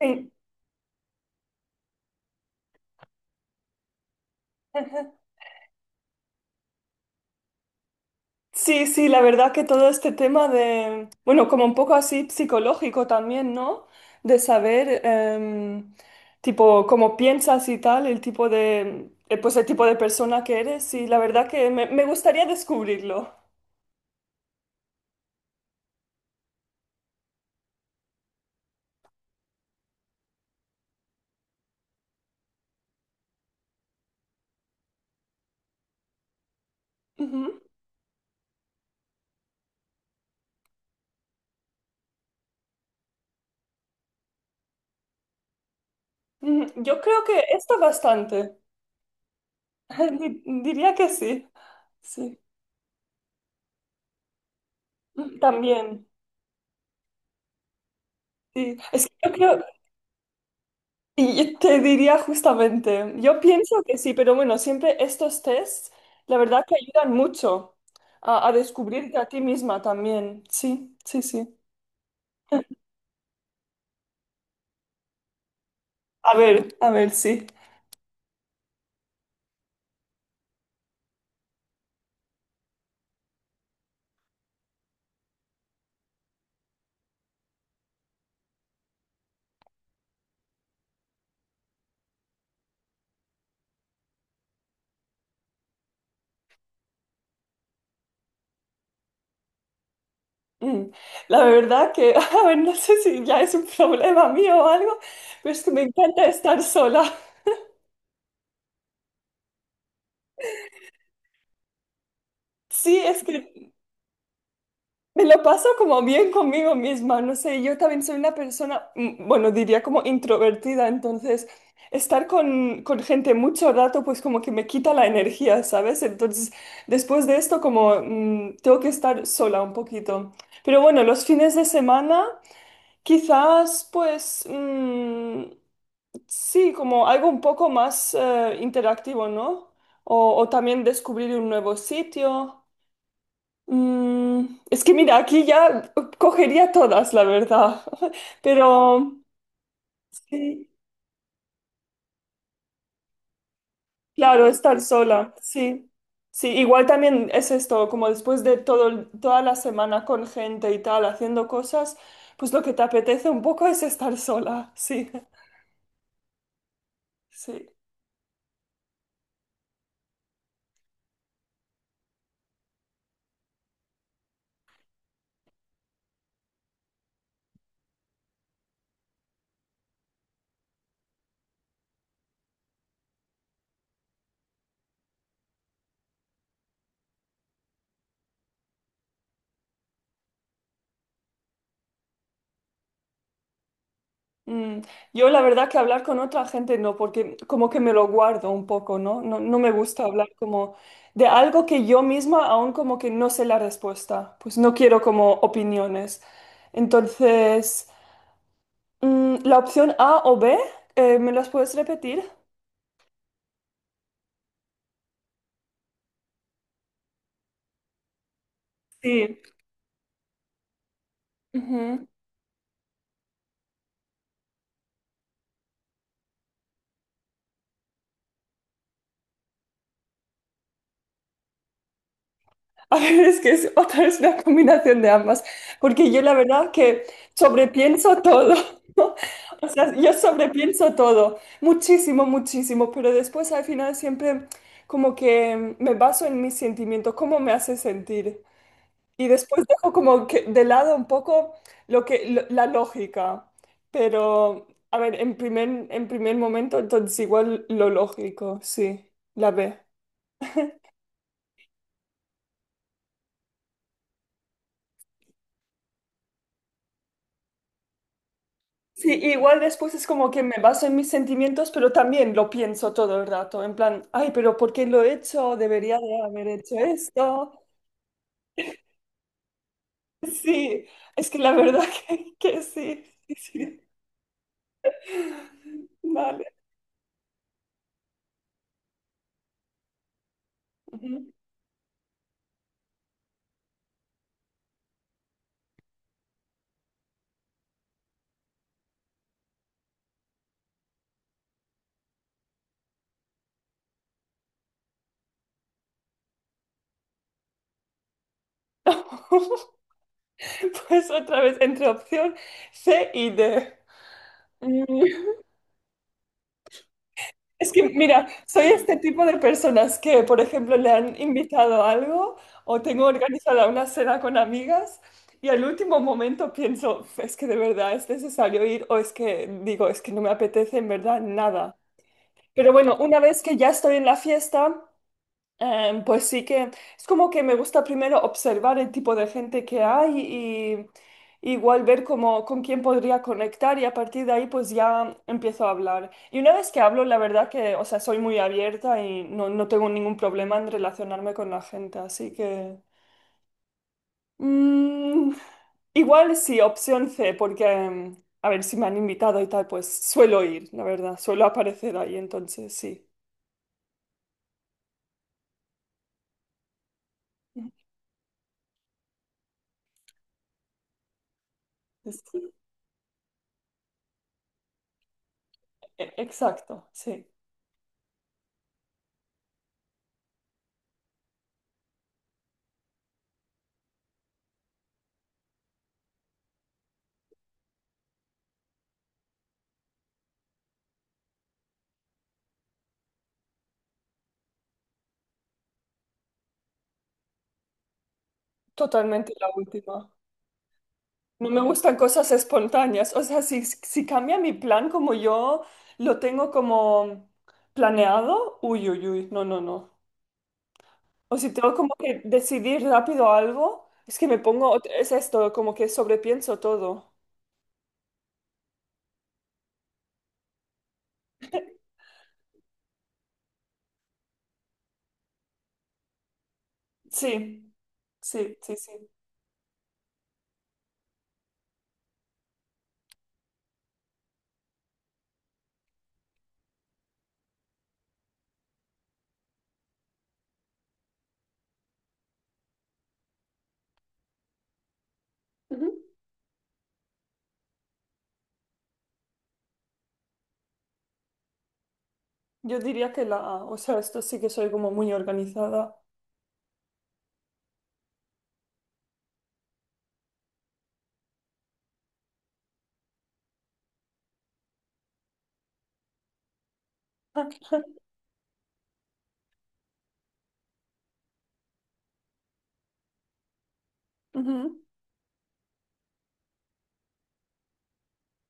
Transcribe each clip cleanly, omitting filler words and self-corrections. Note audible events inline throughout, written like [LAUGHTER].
Sí, ajá. Sí, sí, la verdad que todo este tema de, bueno, como un poco así psicológico también, ¿no? De saber, tipo, cómo piensas y tal, el tipo de, pues el tipo de persona que eres, y la verdad que me gustaría descubrirlo. Ujú, ujú. Yo creo que está bastante, [LAUGHS] diría que sí, sí, también, sí. Es que yo creo, y te diría justamente, yo pienso que sí, pero bueno, siempre estos tests, la verdad que ayudan mucho a descubrirte a ti misma también. Sí, sí, sí. A ver, sí. Mm. La verdad que, [LAUGHS] a ver, no sé si ya es un problema mío o algo, pero es que me encanta estar sola. [LAUGHS] Sí, es que me lo paso como bien conmigo misma, no sé, yo también soy una persona, bueno, diría como introvertida, entonces estar con gente mucho rato pues como que me quita la energía, ¿sabes? Entonces después de esto como tengo que estar sola un poquito. Pero bueno, los fines de semana quizás pues sí, como algo un poco más interactivo, ¿no? O también descubrir un nuevo sitio. Mm, es que mira, aquí ya cogería todas, la verdad. [LAUGHS] Pero sí, claro, estar sola, sí. Sí, igual también es esto, como después de todo, toda la semana con gente y tal, haciendo cosas, pues lo que te apetece un poco es estar sola, sí, [LAUGHS] sí. Mm, yo la verdad que hablar con otra gente no, porque como que me lo guardo un poco, ¿no? No, no me gusta hablar como de algo que yo misma aún como que no sé la respuesta, pues no quiero como opiniones. Entonces, mm, la opción A o B, ¿me las puedes repetir? Sí. [LAUGHS] A ver, es que es otra vez una combinación de ambas, porque yo la verdad que sobrepienso todo. [LAUGHS] ¿No? O sea, yo sobrepienso todo, muchísimo, muchísimo, pero después al final siempre como que me baso en mis sentimientos, cómo me hace sentir. Y después dejo como que de lado un poco lo que, la lógica. Pero, a ver, en primer momento, entonces igual lo lógico, sí, la B. Sí, igual después es como que me baso en mis sentimientos, pero también lo pienso todo el rato, en plan, ay, pero ¿por qué lo he hecho? Debería de haber hecho esto. Sí, es que la verdad [LAUGHS] que sí, sí, sí. Vale. Ujú. [LAUGHS] Pues otra vez entre opción C y D. Es que, mira, soy este tipo de personas que, por ejemplo, le han invitado a algo o tengo organizada una cena con amigas y al último momento pienso, es que de verdad es necesario ir o es que digo, es que no me apetece en verdad nada. Pero bueno, una vez que ya estoy en la fiesta... pues sí que es como que me gusta primero observar el tipo de gente que hay y igual ver cómo, con quién podría conectar y a partir de ahí pues ya empiezo a hablar. Y una vez que hablo, la verdad que, o sea, soy muy abierta y no, no tengo ningún problema en relacionarme con la gente, así que... mm, igual sí, opción C, porque a ver si me han invitado y tal, pues suelo ir, la verdad, suelo aparecer ahí, entonces sí. [LAUGHS] Es- Exacto, sí. Totalmente la última. No me gustan cosas espontáneas. O sea, si cambia mi plan como yo lo tengo como planeado, uy, uy, uy, no, no, no. O si tengo como que decidir rápido algo, es que me pongo, es esto, como que sobrepienso todo. Sí, sí, sí, sí. Ujú. Yo diría que la A, o sea, esto sí que soy como muy organizada. [LAUGHS]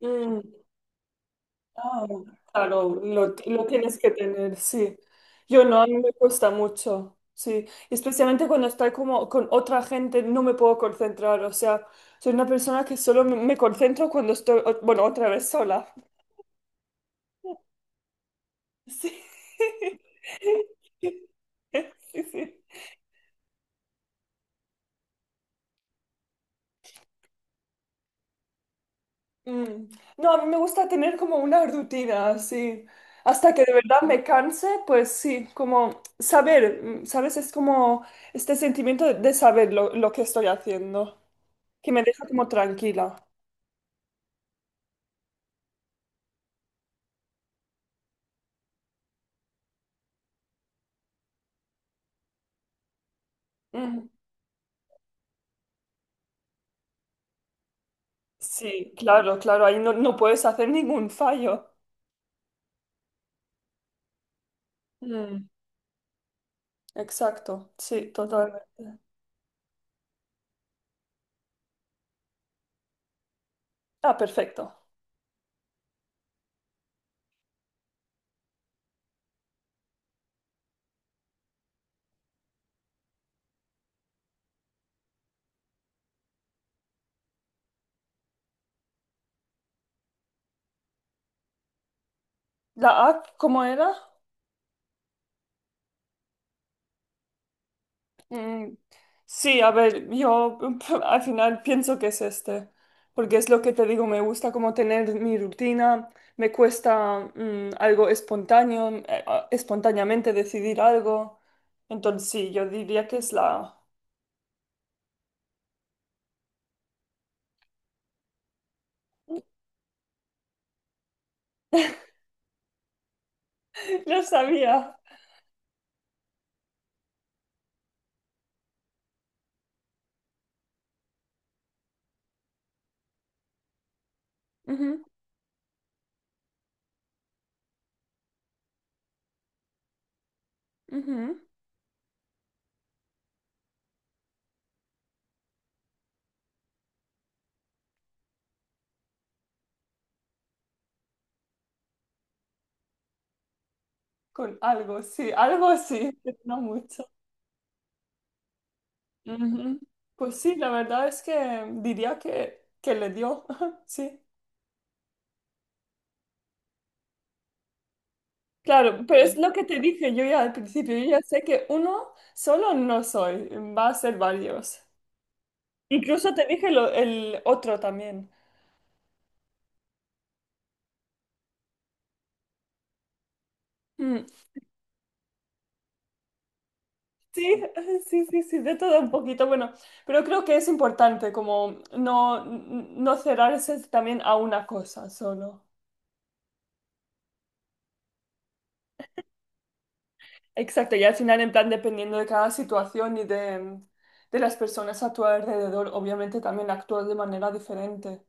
Ujú. Ah, claro, lo tienes que tener, sí. Yo no, a mí me cuesta mucho, sí. Especialmente cuando estoy como con otra gente, no me puedo concentrar. O sea, soy una persona que solo me concentro cuando estoy, bueno, otra vez sola. Sí. [LAUGHS] Sí, sí. Mm. No, a mí me gusta tener como una rutina, así hasta que de verdad me canse, pues sí, como saber, mm, ¿sabes? Es como este sentimiento de saber lo que estoy haciendo. Que me deja como tranquila. Mm, sí, claro, claro, ahí no, no puedes hacer ningún fallo. Mm, exacto, sí, totalmente. Ah, perfecto. ¿La A cómo era? Mm, sí, a ver, yo [LAUGHS] al final pienso que es este, porque es lo que te digo, me gusta como tener mi rutina, me cuesta mm, algo espontáneo, espontáneamente decidir algo. Entonces sí, yo diría que es la A. [LAUGHS] Lo sabía. Ujú, ujú. Con algo, sí, algo así, [LAUGHS] pero no mucho. Ujú. Pues sí, la verdad es que diría que le dio, [LAUGHS] sí. Claro, pero es lo que te dije yo ya al principio, yo ya sé que uno solo no soy, va a ser varios. Incluso te dije el otro también. Mm, sí, [LAUGHS] sí, sí, sí, de todo un poquito, bueno, pero creo que es importante como no, no cerrarse también a una cosa solo. Exacto, y al final, en plan, dependiendo de cada situación y de las personas a tu alrededor, obviamente también actúas de manera diferente.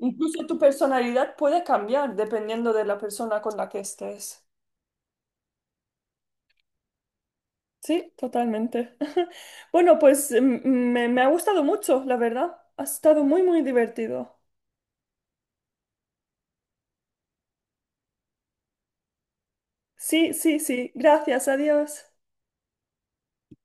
Incluso tu personalidad puede cambiar dependiendo de la persona con la que estés. Sí, totalmente. [LAUGHS] Bueno, pues me ha gustado mucho, la verdad. Ha estado muy, muy divertido. Sí, sí, sí. Gracias, adiós.